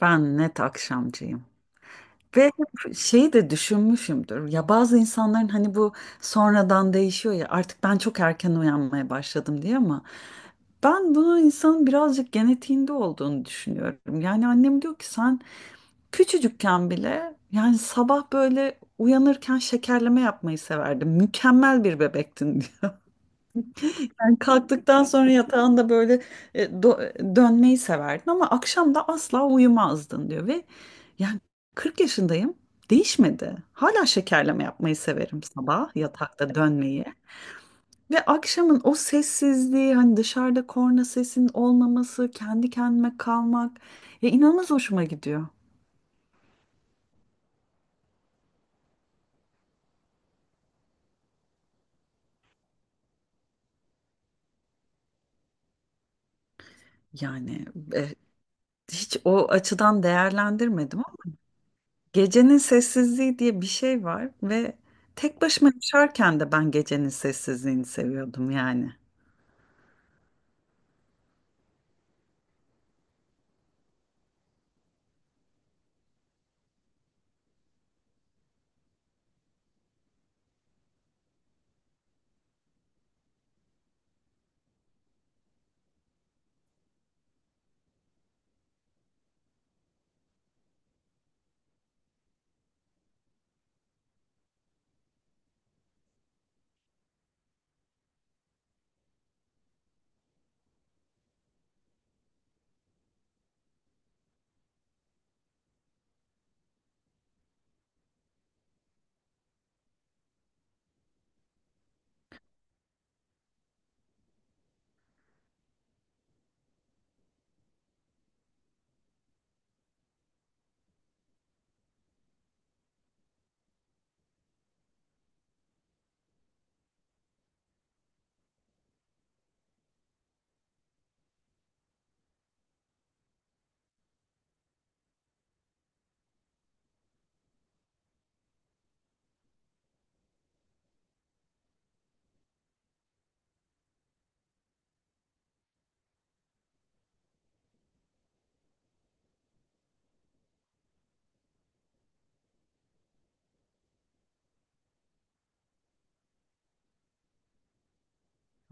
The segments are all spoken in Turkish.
Ben net akşamcıyım. Ve hep şeyi de düşünmüşümdür. Ya bazı insanların hani bu sonradan değişiyor ya artık ben çok erken uyanmaya başladım diye ama ben bunu insanın birazcık genetiğinde olduğunu düşünüyorum. Yani annem diyor ki sen küçücükken bile yani sabah böyle uyanırken şekerleme yapmayı severdin. Mükemmel bir bebektin yani kalktıktan sonra yatağında böyle dönmeyi severdin ama akşam da asla uyumazdın diyor ve yani 40 yaşındayım değişmedi. Hala şekerleme yapmayı severim sabah yatakta dönmeyi. Ve akşamın o sessizliği hani dışarıda korna sesinin olmaması, kendi kendime kalmak ya inanılmaz hoşuma gidiyor. Yani e, Hiç o açıdan değerlendirmedim. Gecenin sessizliği diye bir şey var ve tek başıma yaşarken de ben gecenin sessizliğini seviyordum yani.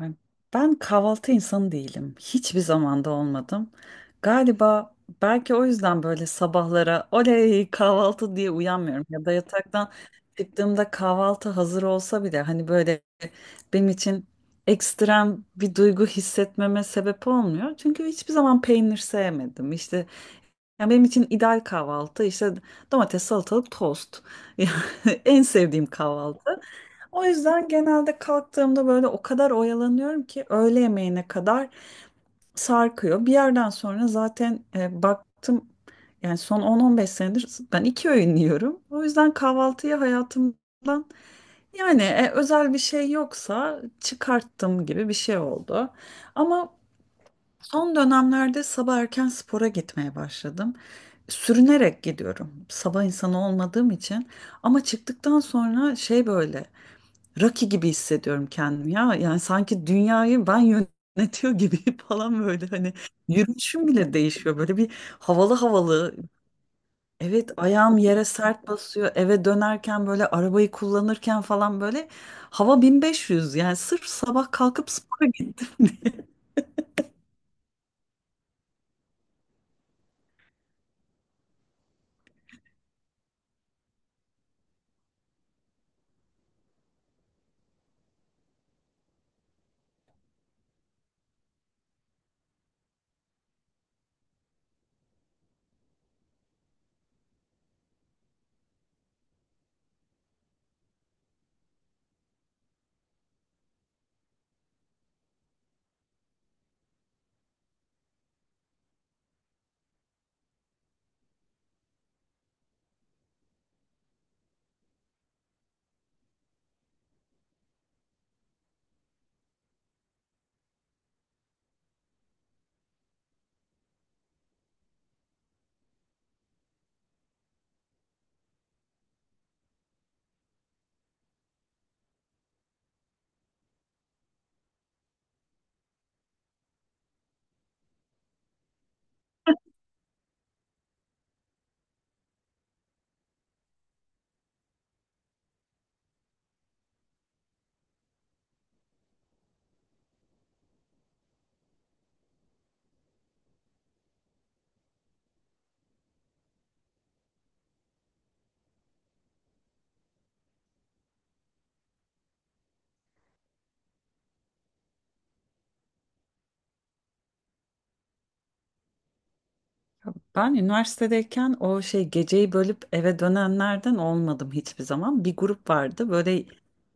Yani ben kahvaltı insanı değilim. Hiçbir zamanda olmadım. Galiba belki o yüzden böyle sabahlara oley kahvaltı diye uyanmıyorum ya da yataktan çıktığımda kahvaltı hazır olsa bile hani böyle benim için ekstrem bir duygu hissetmeme sebep olmuyor. Çünkü hiçbir zaman peynir sevmedim. İşte yani benim için ideal kahvaltı işte domates, salatalık, tost. Yani en sevdiğim kahvaltı. O yüzden genelde kalktığımda böyle o kadar oyalanıyorum ki öğle yemeğine kadar sarkıyor. Bir yerden sonra zaten baktım yani son 10-15 senedir ben iki öğün yiyorum. O yüzden kahvaltıya hayatımdan yani özel bir şey yoksa çıkarttım gibi bir şey oldu. Ama son dönemlerde sabah erken spora gitmeye başladım. Sürünerek gidiyorum. Sabah insanı olmadığım için. Ama çıktıktan sonra şey böyle Rocky gibi hissediyorum kendimi ya. Yani sanki dünyayı ben yönetiyor gibi falan böyle hani yürüyüşüm bile değişiyor. Böyle bir havalı havalı. Evet, ayağım yere sert basıyor. Eve dönerken böyle arabayı kullanırken falan böyle hava 1500. Yani sırf sabah kalkıp spora gittim. Ben üniversitedeyken o şey geceyi bölüp eve dönenlerden olmadım hiçbir zaman. Bir grup vardı böyle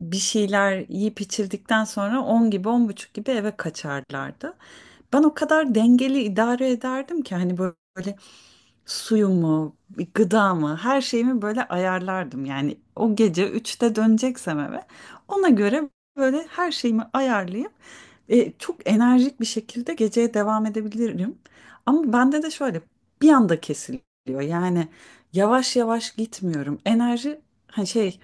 bir şeyler yiyip içildikten sonra 10 gibi 10:30 gibi eve kaçarlardı. Ben o kadar dengeli idare ederdim ki hani böyle suyumu, bir gıdamı, her şeyimi böyle ayarlardım. Yani o gece 3'te döneceksem eve ona göre böyle her şeyimi ayarlayıp çok enerjik bir şekilde geceye devam edebilirim. Ama bende de şöyle bir anda kesiliyor. Yani yavaş yavaş gitmiyorum. Enerji hani şey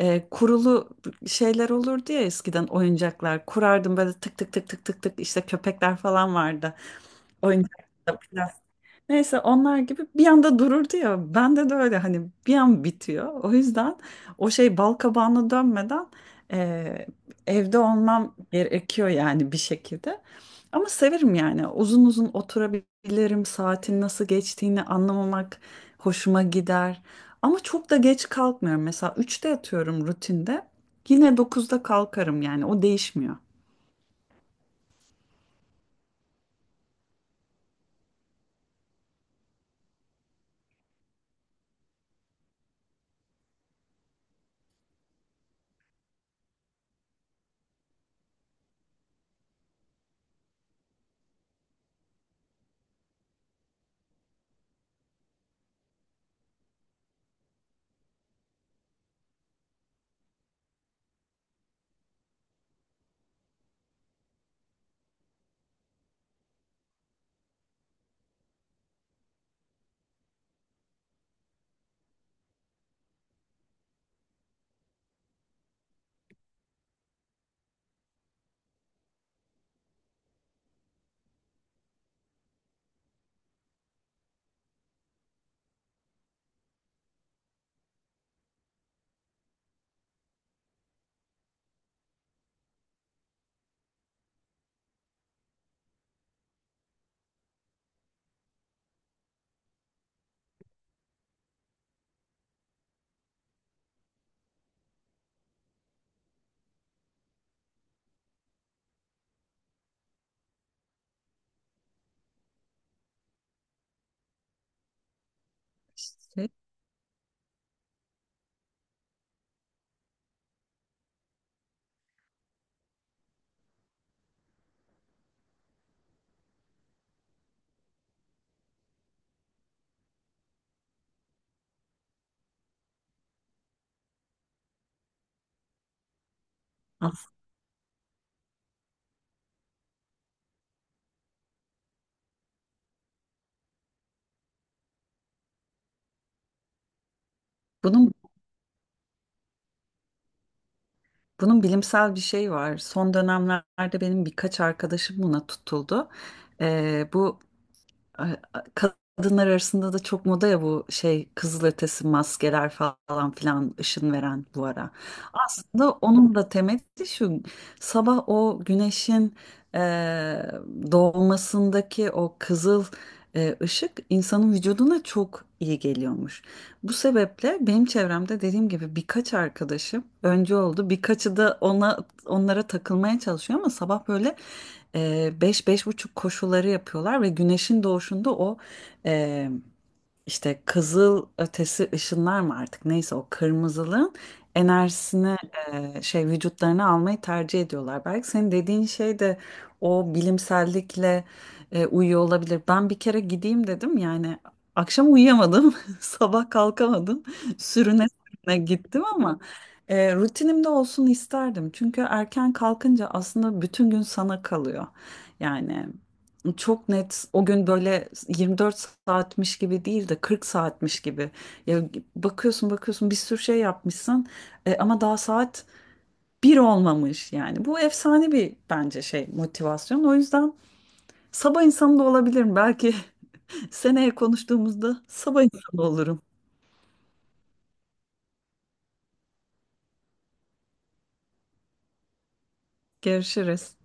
kurulu şeyler olurdu ya, eskiden oyuncaklar kurardım böyle tık tık tık tık tık tık, işte köpekler falan vardı oyuncak. Neyse, onlar gibi bir anda dururdu ya. Bende de öyle hani bir an bitiyor. O yüzden o şey bal kabağına dönmeden eee, evde olmam gerekiyor yani bir şekilde. Ama severim yani uzun uzun oturabilirim. Saatin nasıl geçtiğini anlamamak hoşuma gider. Ama çok da geç kalkmıyorum. Mesela 3'te yatıyorum rutinde. Yine 9'da kalkarım yani o değişmiyor. İşte bunun bunun bilimsel bir şey var. Son dönemlerde benim birkaç arkadaşım buna tutuldu. Bu a- kadınlar arasında da çok moda ya bu şey kızılötesi maskeler falan filan ışın veren bu ara. Aslında onun da temeli şu: sabah o güneşin e, doğmasındaki o kızıl ışık insanın vücuduna çok iyi geliyormuş. Bu sebeple benim çevremde dediğim gibi birkaç arkadaşım önce oldu. Birkaçı da onlara takılmaya çalışıyor ama sabah böyle 5 buçuk koşuları yapıyorlar ve güneşin doğuşunda o e, işte kızıl ötesi ışınlar mı artık neyse o kırmızılığın enerjisini vücutlarına almayı tercih ediyorlar. Belki senin dediğin şey de o bilimsellikle uyuyor olabilir. Ben bir kere gideyim dedim yani, akşam uyuyamadım, sabah kalkamadım, sürüne sürüne gittim ama. Rutinimde olsun isterdim. Çünkü erken kalkınca aslında bütün gün sana kalıyor. Yani çok net o gün böyle 24 saatmiş gibi değil de 40 saatmiş gibi. Ya bakıyorsun bakıyorsun bir sürü şey yapmışsın ama daha saat bir olmamış yani. Bu efsane bir bence şey motivasyon. O yüzden sabah insanı da olabilirim. Belki seneye konuştuğumuzda sabah insanı olurum. Görüşürüz.